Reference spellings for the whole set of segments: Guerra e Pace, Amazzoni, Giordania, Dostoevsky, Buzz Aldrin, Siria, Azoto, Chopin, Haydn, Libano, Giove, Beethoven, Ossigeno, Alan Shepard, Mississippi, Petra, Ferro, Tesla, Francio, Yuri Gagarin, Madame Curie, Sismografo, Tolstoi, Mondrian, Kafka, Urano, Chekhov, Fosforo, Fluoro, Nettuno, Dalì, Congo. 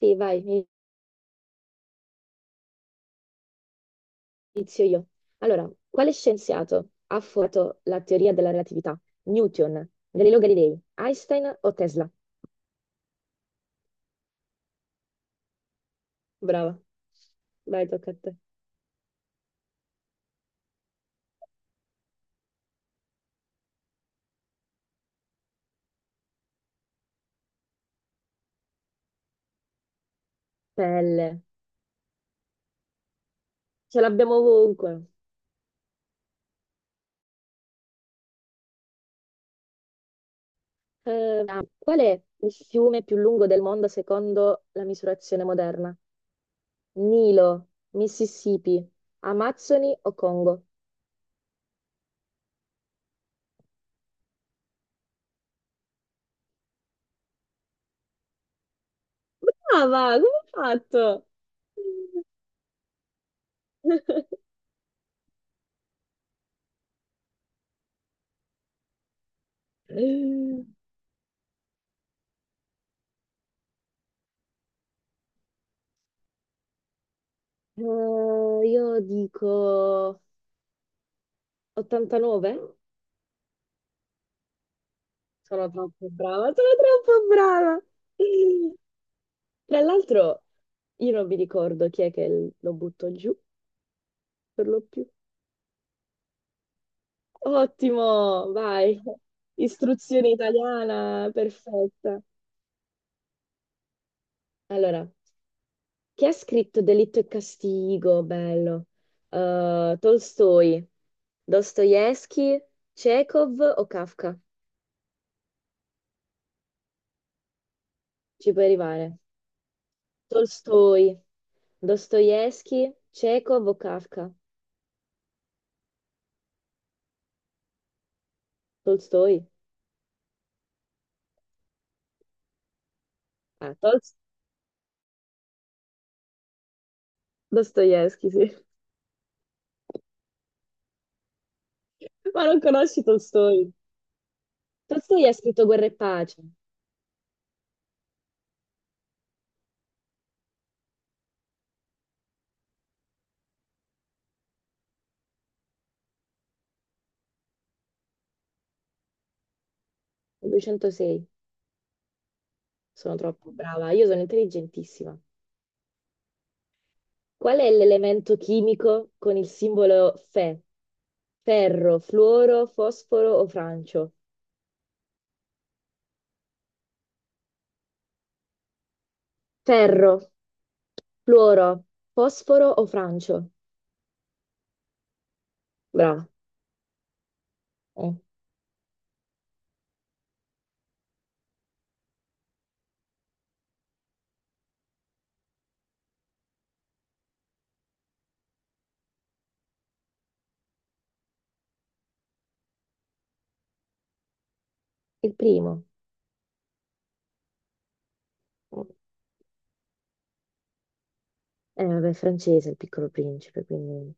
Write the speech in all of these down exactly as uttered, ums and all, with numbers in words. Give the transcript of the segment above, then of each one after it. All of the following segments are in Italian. Sì, vai, inizio io. Allora, quale scienziato ha formato la teoria della relatività? Newton, Galileo Galilei, Einstein o Tesla? Brava, vai, tocca a te. Pelle, ce l'abbiamo ovunque. Eh, Qual è il fiume più lungo del mondo secondo la misurazione moderna? Nilo, Mississippi, Amazzoni o Congo? Brava, come hai fatto? Eh, io dico ottantanove? Sono troppo brava, sono troppo brava. Tra l'altro, io non mi ricordo chi è che lo butto giù per lo più. Ottimo, vai. Istruzione italiana, perfetta. Allora, chi ha scritto Delitto e Castigo? Bello. Eh, Tolstoi, Dostoevsky, Chekhov o Kafka? Ci puoi arrivare. Tolstoi, Dostoevsky, Chekhov o Kafka? Tolstoi. Eh, Tolst- Dostoevsky, sì. Ma non conosci Tolstoi? Tolstoi ha scritto Guerra e Pace, il duecentosei. Sono troppo brava, io sono intelligentissima. Qual è l'elemento chimico con il simbolo Fe? Ferro, fluoro, fosforo o francio? Ferro, fluoro, fosforo o francio? Brava. Eh, il primo. Eh, vabbè, francese, il piccolo principe, quindi...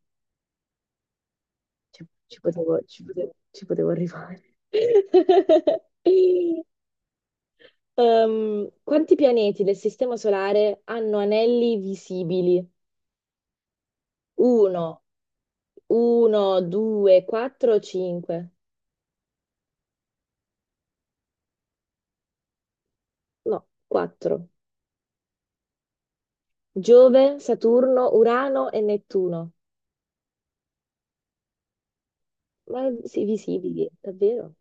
Cioè, ci potevo, ci potevo, ci potevo arrivare. Ehm, quanti pianeti del Sistema Solare hanno anelli visibili? Uno, uno, due, quattro, cinque. No, quattro. Giove, Saturno, Urano e Nettuno. Ma sì, visibili, davvero?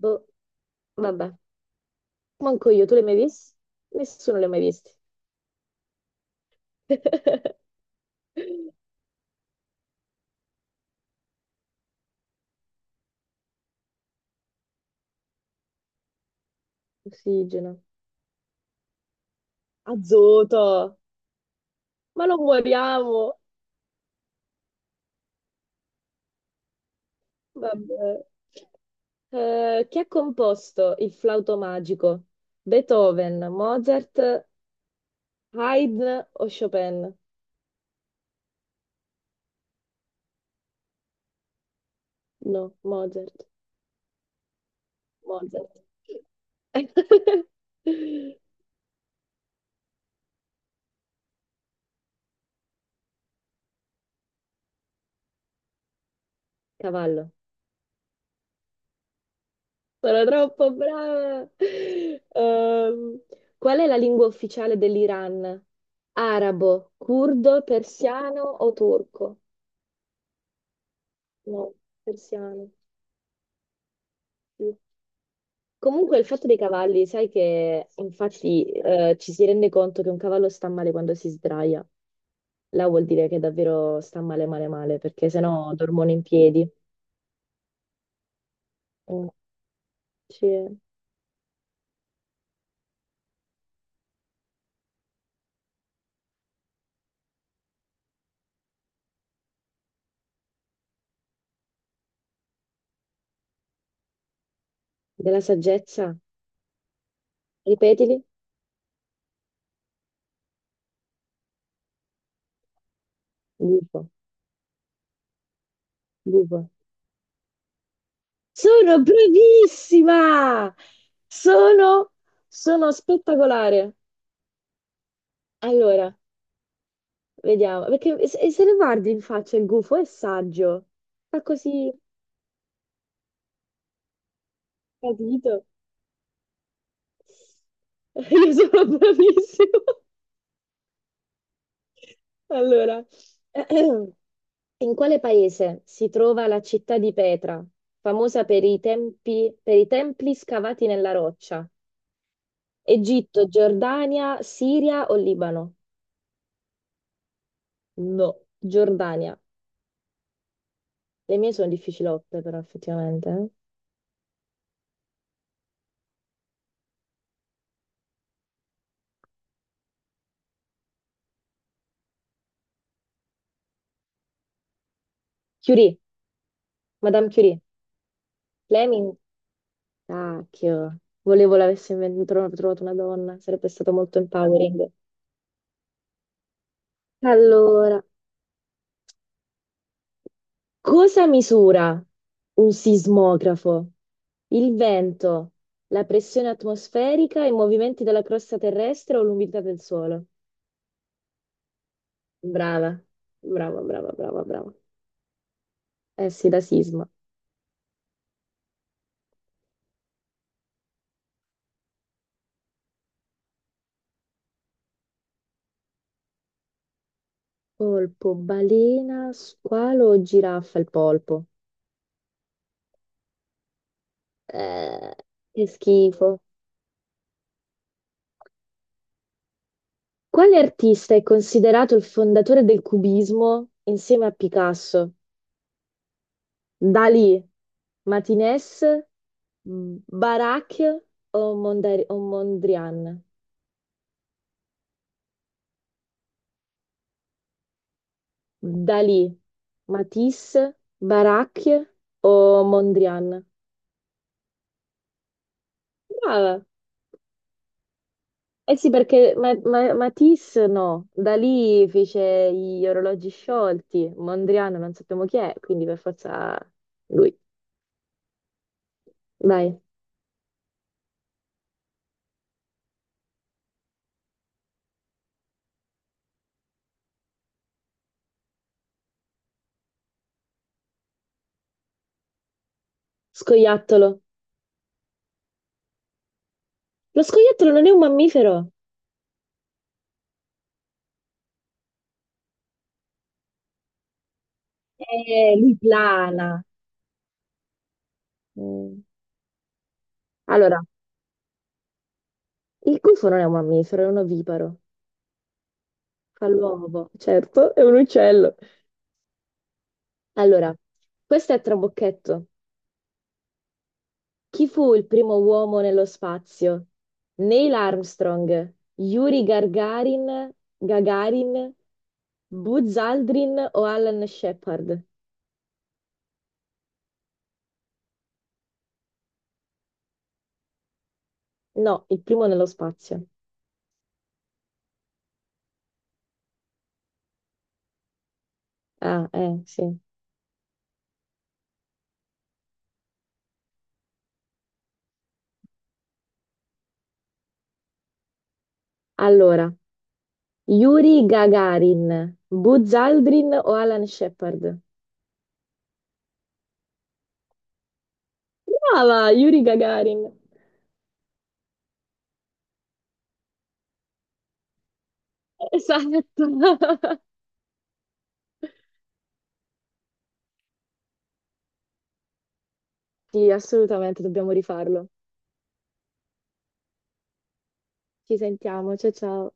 Boh, vabbè. Manco io, tu li hai mai visti? Nessuno li ha mai visti. Ossigeno. Azoto. Ma non moriamo! Vabbè. Eh, chi ha composto il flauto magico? Beethoven, Mozart, Haydn o Chopin? No, Mozart. Mozart. Cavallo. Sono troppo brava. Ehm, qual è la lingua ufficiale dell'Iran? Arabo, curdo, persiano o turco? No, persiano. Sì. Comunque il fatto dei cavalli, sai che infatti eh, ci si rende conto che un cavallo sta male quando si sdraia. Là vuol dire che davvero sta male male male, perché sennò dormono in piedi. Mm, sì. Della saggezza, ripetili. Buffo, buffo. Sono bravissima! Sono, Sono spettacolare. Allora, vediamo, perché se, se lo guardi in faccia il gufo è saggio. Fa così, capito? Io sono bravissimo. Allora, in quale paese si trova la città di Petra, famosa per i tempi- per i templi scavati nella roccia? Egitto, Giordania, Siria o Libano? No, Giordania. Le mie sono difficilotte, però, effettivamente, eh. Curie, Madame Curie. Fleming, cacchio. Volevo l'avessi invent- tro- trovato una donna, sarebbe stato molto empowering. Allora, cosa misura un sismografo? Il vento, la pressione atmosferica, i movimenti della crosta terrestre o l'umidità del suolo? Brava, brava, brava, brava, brava. Eh sì, da sisma. Polpo, balena, squalo o giraffa? Il polpo. Eh, che schifo. Quale artista è considerato il fondatore del cubismo insieme a Picasso? Dalì, Martinez, Barak o, Mondari- o Mondrian? Dalì, Matisse, Barak o Mondrian? Brava. Eh sì, perché Ma- Ma- Matisse no, Dalì fece gli orologi sciolti, Mondrian non sappiamo chi è, quindi per forza lui. Vai, scoiattolo. Lo scoiattolo non è un mammifero. Eh, lui plana. Mm. Allora, il gufo non è un mammifero, è un oviparo. Fa l'uovo, certo, è un uccello. Allora, questo è a trabocchetto. Chi fu il primo uomo nello spazio? Neil Armstrong, Yuri Gagarin, Gagarin, Buzz Aldrin o Alan Shepard? No, il primo nello spazio. Ah, eh, sì. Allora, Yuri Gagarin, Buzz Aldrin o Alan Shepard? Brava, Yuri Gagarin. Esatto. Sì, assolutamente, dobbiamo rifarlo. Ci sentiamo, ciao ciao.